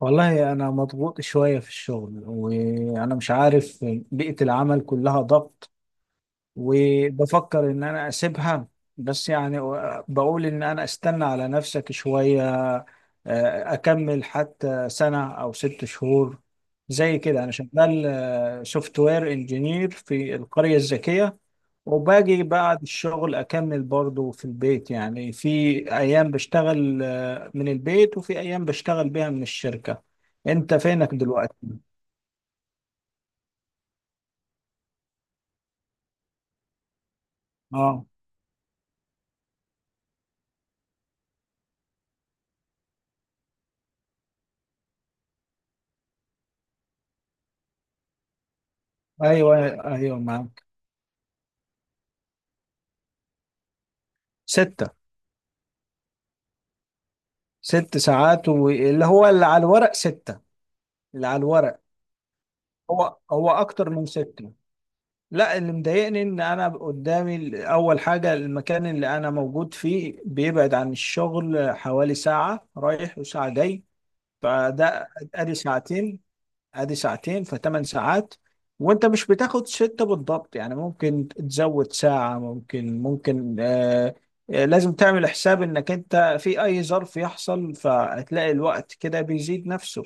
والله أنا مضغوط شوية في الشغل وأنا مش عارف. بيئة العمل كلها ضغط، وبفكر ان انا اسيبها. بس يعني بقول ان انا استنى على نفسك شوية. اكمل حتى سنة او 6 شهور. زي كده انا شغال سوفت وير انجينير في القرية الذكية، وباجي بعد الشغل اكمل برضو في البيت. يعني في ايام بشتغل من البيت، وفي ايام بشتغل بيها من الشركة. انت فينك دلوقتي؟ اه. ايوه، ايوه معاك. ستة. 6 ساعات، واللي هو اللي على الورق ستة. اللي على الورق. هو هو أكتر من ستة. لا، اللي مضايقني إن أنا قدامي أول حاجة المكان اللي أنا موجود فيه بيبعد عن الشغل حوالي ساعة رايح وساعة جاي، فده أدي ساعتين، ادي ساعتين فثمان ساعات. وانت مش بتاخد ستة بالضبط، يعني ممكن تزود ساعة، ممكن ممكن لازم تعمل حساب انك انت في اي ظرف يحصل، فهتلاقي الوقت كده بيزيد نفسه.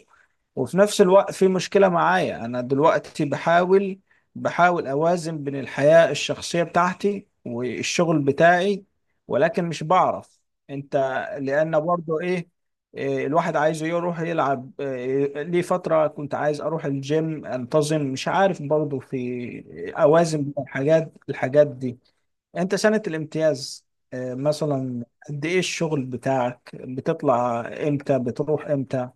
وفي نفس الوقت في مشكلة معايا، انا دلوقتي بحاول اوازن بين الحياة الشخصية بتاعتي والشغل بتاعي، ولكن مش بعرف. انت. لان برضو ايه، الواحد عايز يروح يلعب، ليه فترة كنت عايز أروح الجيم أنتظم، مش عارف برضه في أوازن بين الحاجات دي. أنت سنة الامتياز، مثلا قد إيه الشغل بتاعك؟ بتطلع إمتى؟ بتروح إمتى؟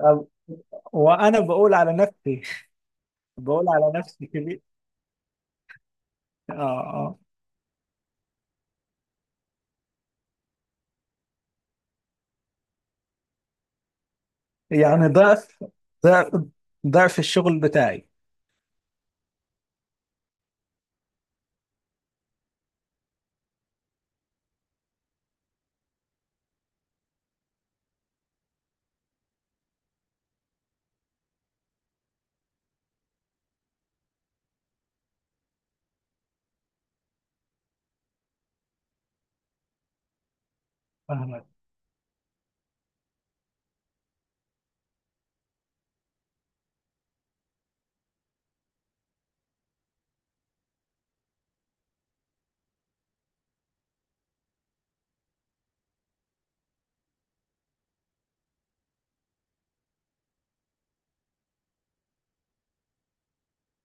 أو- وأنا بقول على نفسي بقول على نفسي كبير. آه آه يعني ضعف، ضعف ضعف الشغل بتاعي. فاهمك.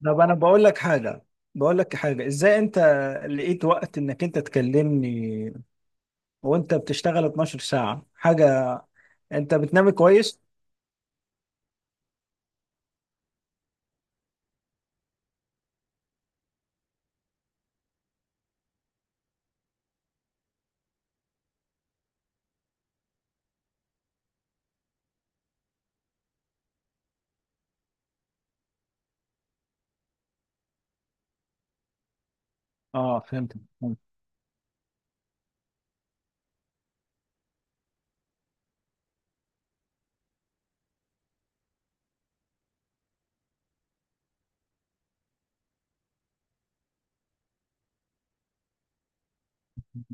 طب انا بقول لك حاجه، ازاي انت لقيت وقت انك انت تكلمني وانت بتشتغل 12 ساعه؟ حاجه، انت بتنام كويس؟ اه. فهمت.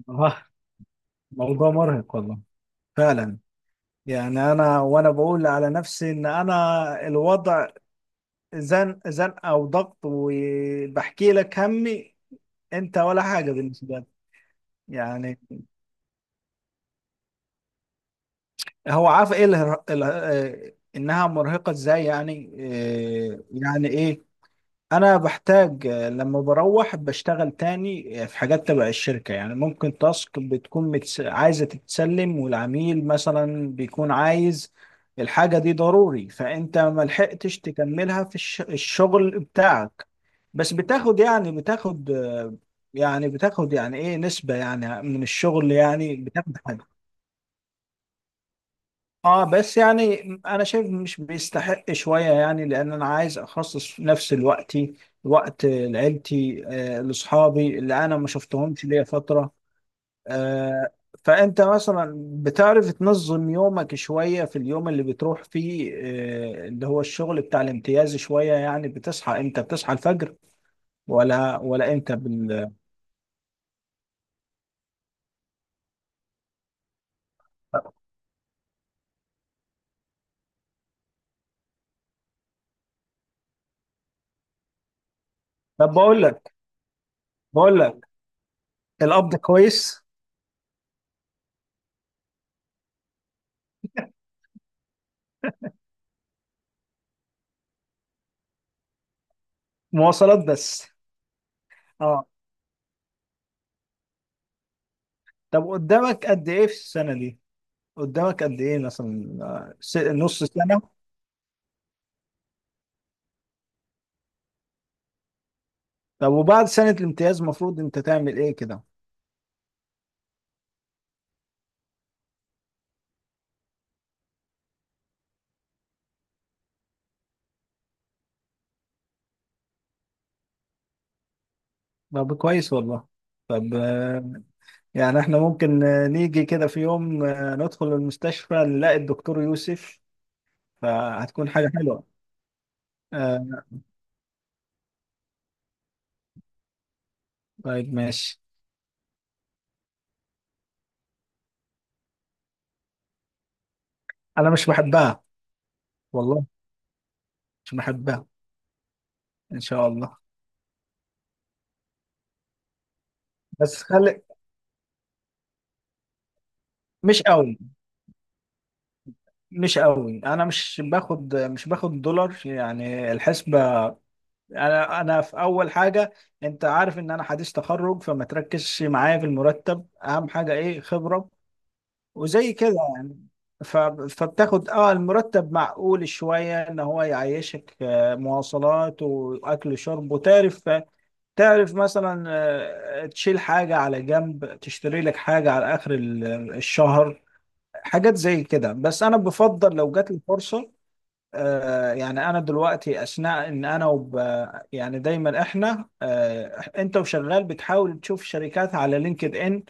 اه، موضوع مرهق والله، فعلا. يعني انا وانا بقول على نفسي ان انا الوضع زن زن او ضغط، وبحكي لك همي. انت ولا حاجه بالنسبه لك؟ يعني هو عارف ايه، انها مرهقه ازاي يعني، يعني ايه. انا بحتاج، لما بروح بشتغل تاني، في حاجات تبع الشركة. يعني ممكن تاسك بتكون عايزة تتسلم، والعميل مثلا بيكون عايز الحاجة دي ضروري، فانت ما لحقتش تكملها في الشغل بتاعك. بس بتاخد، يعني بتاخد يعني بتاخد يعني ايه نسبة يعني من الشغل؟ يعني بتاخد حاجة؟ اه، بس يعني انا شايف مش بيستحق شوية يعني، لان انا عايز اخصص نفس الوقت، وقت لعيلتي، لاصحابي اللي انا ما شفتهمش ليا فترة. آه فانت مثلا بتعرف تنظم يومك شوية في اليوم اللي بتروح فيه، اللي هو الشغل بتاع الامتياز شوية؟ يعني بتصحى امتى؟ بتصحى الفجر ولا امتى طب بقول لك، بقول لك القبض كويس؟ مواصلات بس. اه، طب قدامك قد ايه في السنة دي؟ قدامك قد ايه، مثلا نص سنة؟ طب وبعد سنة الامتياز المفروض انت تعمل ايه كده؟ طب كويس والله. طب يعني احنا ممكن نيجي كده في يوم ندخل المستشفى نلاقي الدكتور يوسف، فهتكون حاجة حلوة. آه، طيب ماشي. انا مش بحبها والله، مش بحبها. ان شاء الله. بس خلي. مش قوي مش قوي، انا مش باخد دولار يعني. الحسبة انا، في اول حاجه، انت عارف ان انا حديث تخرج، فما تركزش معايا في المرتب. اهم حاجه ايه؟ خبره، وزي كده يعني. ف... فبتاخد اه المرتب معقول شويه ان هو يعيشك، مواصلات واكل وشرب. وتعرف، مثلا، تشيل حاجه على جنب، تشتري لك حاجه على اخر الشهر. حاجات زي كده. بس انا بفضل لو جات لي فرصه. يعني انا دلوقتي اثناء ان انا يعني دايما احنا، انت وشغال بتحاول تشوف شركات على لينكد ان،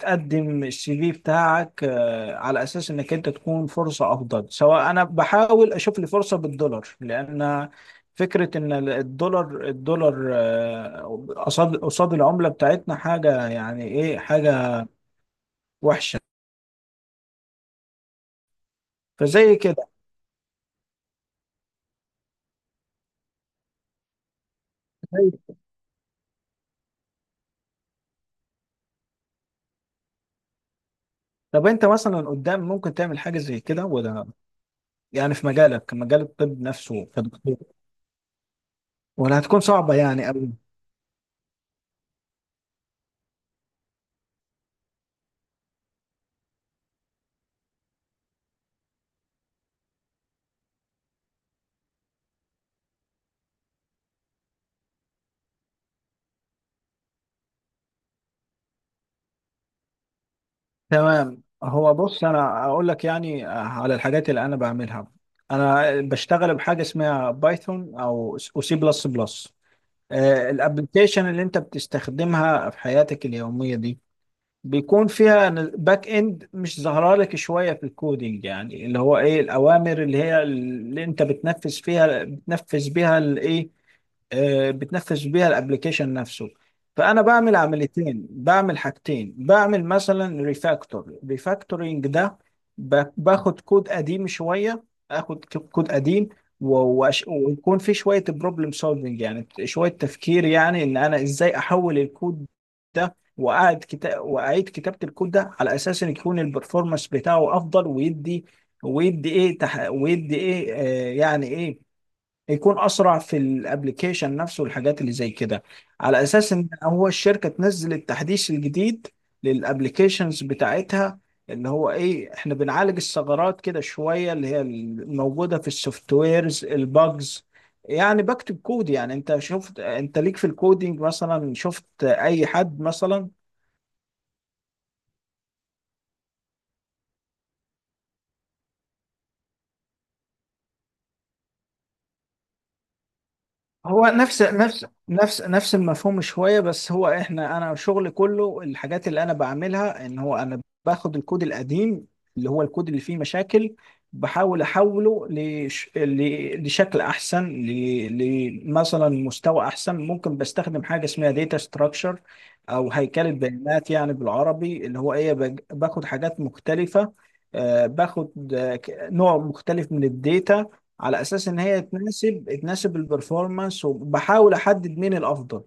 تقدم السي في بتاعك على اساس انك انت تكون فرصة افضل. سواء انا بحاول اشوف لي فرصة بالدولار، لان فكرة ان الدولار، قصاد، العملة بتاعتنا حاجة، يعني ايه، حاجة وحشة. فزي كده، زي- طب انت مثلا قدام ممكن تعمل حاجة زي كده ولا؟ يعني في مجالك، مجال الطب نفسه، كدكتور، ولا هتكون صعبة يعني أوي؟ تمام. هو بص أنا أقول لك يعني على الحاجات اللي أنا بعملها. أنا بشتغل بحاجة اسمها بايثون أو سي بلس بلس. الابلكيشن اللي أنت بتستخدمها في حياتك اليومية دي بيكون فيها باك اند مش ظاهره لك شويه في الكودينج. يعني اللي هو ايه، الاوامر اللي هي اللي انت بتنفذ فيها، بتنفذ بيها الايه، بتنفذ بيها الابلكيشن نفسه. فانا بعمل عمليتين، بعمل حاجتين، بعمل مثلا ريفاكتور، ريفاكتورينج ده باخد كود قديم شويه، كود قديم. ويكون في شويه بروبلم سولفنج، يعني شويه تفكير، يعني ان انا ازاي احول الكود ده. واعد كتاب واعيد كتابه الكود ده، على اساس ان يكون البرفورمانس بتاعه افضل. ويدي ايه، ويدي ايه يعني ايه، يكون اسرع في الابليكيشن نفسه، والحاجات اللي زي كده. على اساس ان هو الشركه تنزل التحديث الجديد للابليكيشنز بتاعتها. اللي هو ايه، احنا بنعالج الثغرات كده شويه، اللي هي الموجوده في السوفت ويرز، الباجز. يعني بكتب كود. يعني انت شفت؟ انت ليك في الكودينج مثلا؟ شفت اي حد مثلا؟ هو نفس المفهوم شوية. بس هو احنا انا شغلي كله، الحاجات اللي انا بعملها، ان هو انا باخد الكود القديم، اللي هو الكود اللي فيه مشاكل، بحاول احوله لشكل احسن، لمثلا مستوى احسن. ممكن بستخدم حاجة اسمها داتا ستراكشر، او هيكلة بيانات يعني بالعربي. اللي هو ايه، باخد حاجات مختلفة، باخد نوع مختلف من الداتا، على اساس ان هي تناسب البرفورمانس، وبحاول احدد مين الافضل.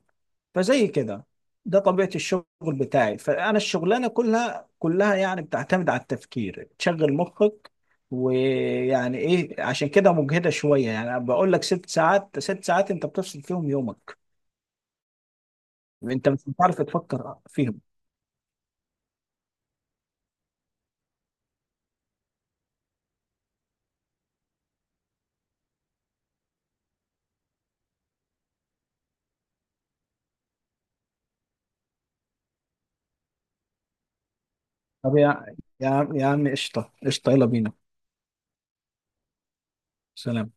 فزي كده. ده طبيعة الشغل بتاعي. فانا الشغلانة كلها كلها يعني بتعتمد على التفكير، تشغل مخك. ويعني ايه، عشان كده مجهدة شوية. يعني أنا بقول لك ست ساعات، ست ساعات انت بتفصل فيهم يومك، انت مش هتعرف تفكر فيهم. طب يا، عم، قشطة قشطة، يلا بينا. سلام.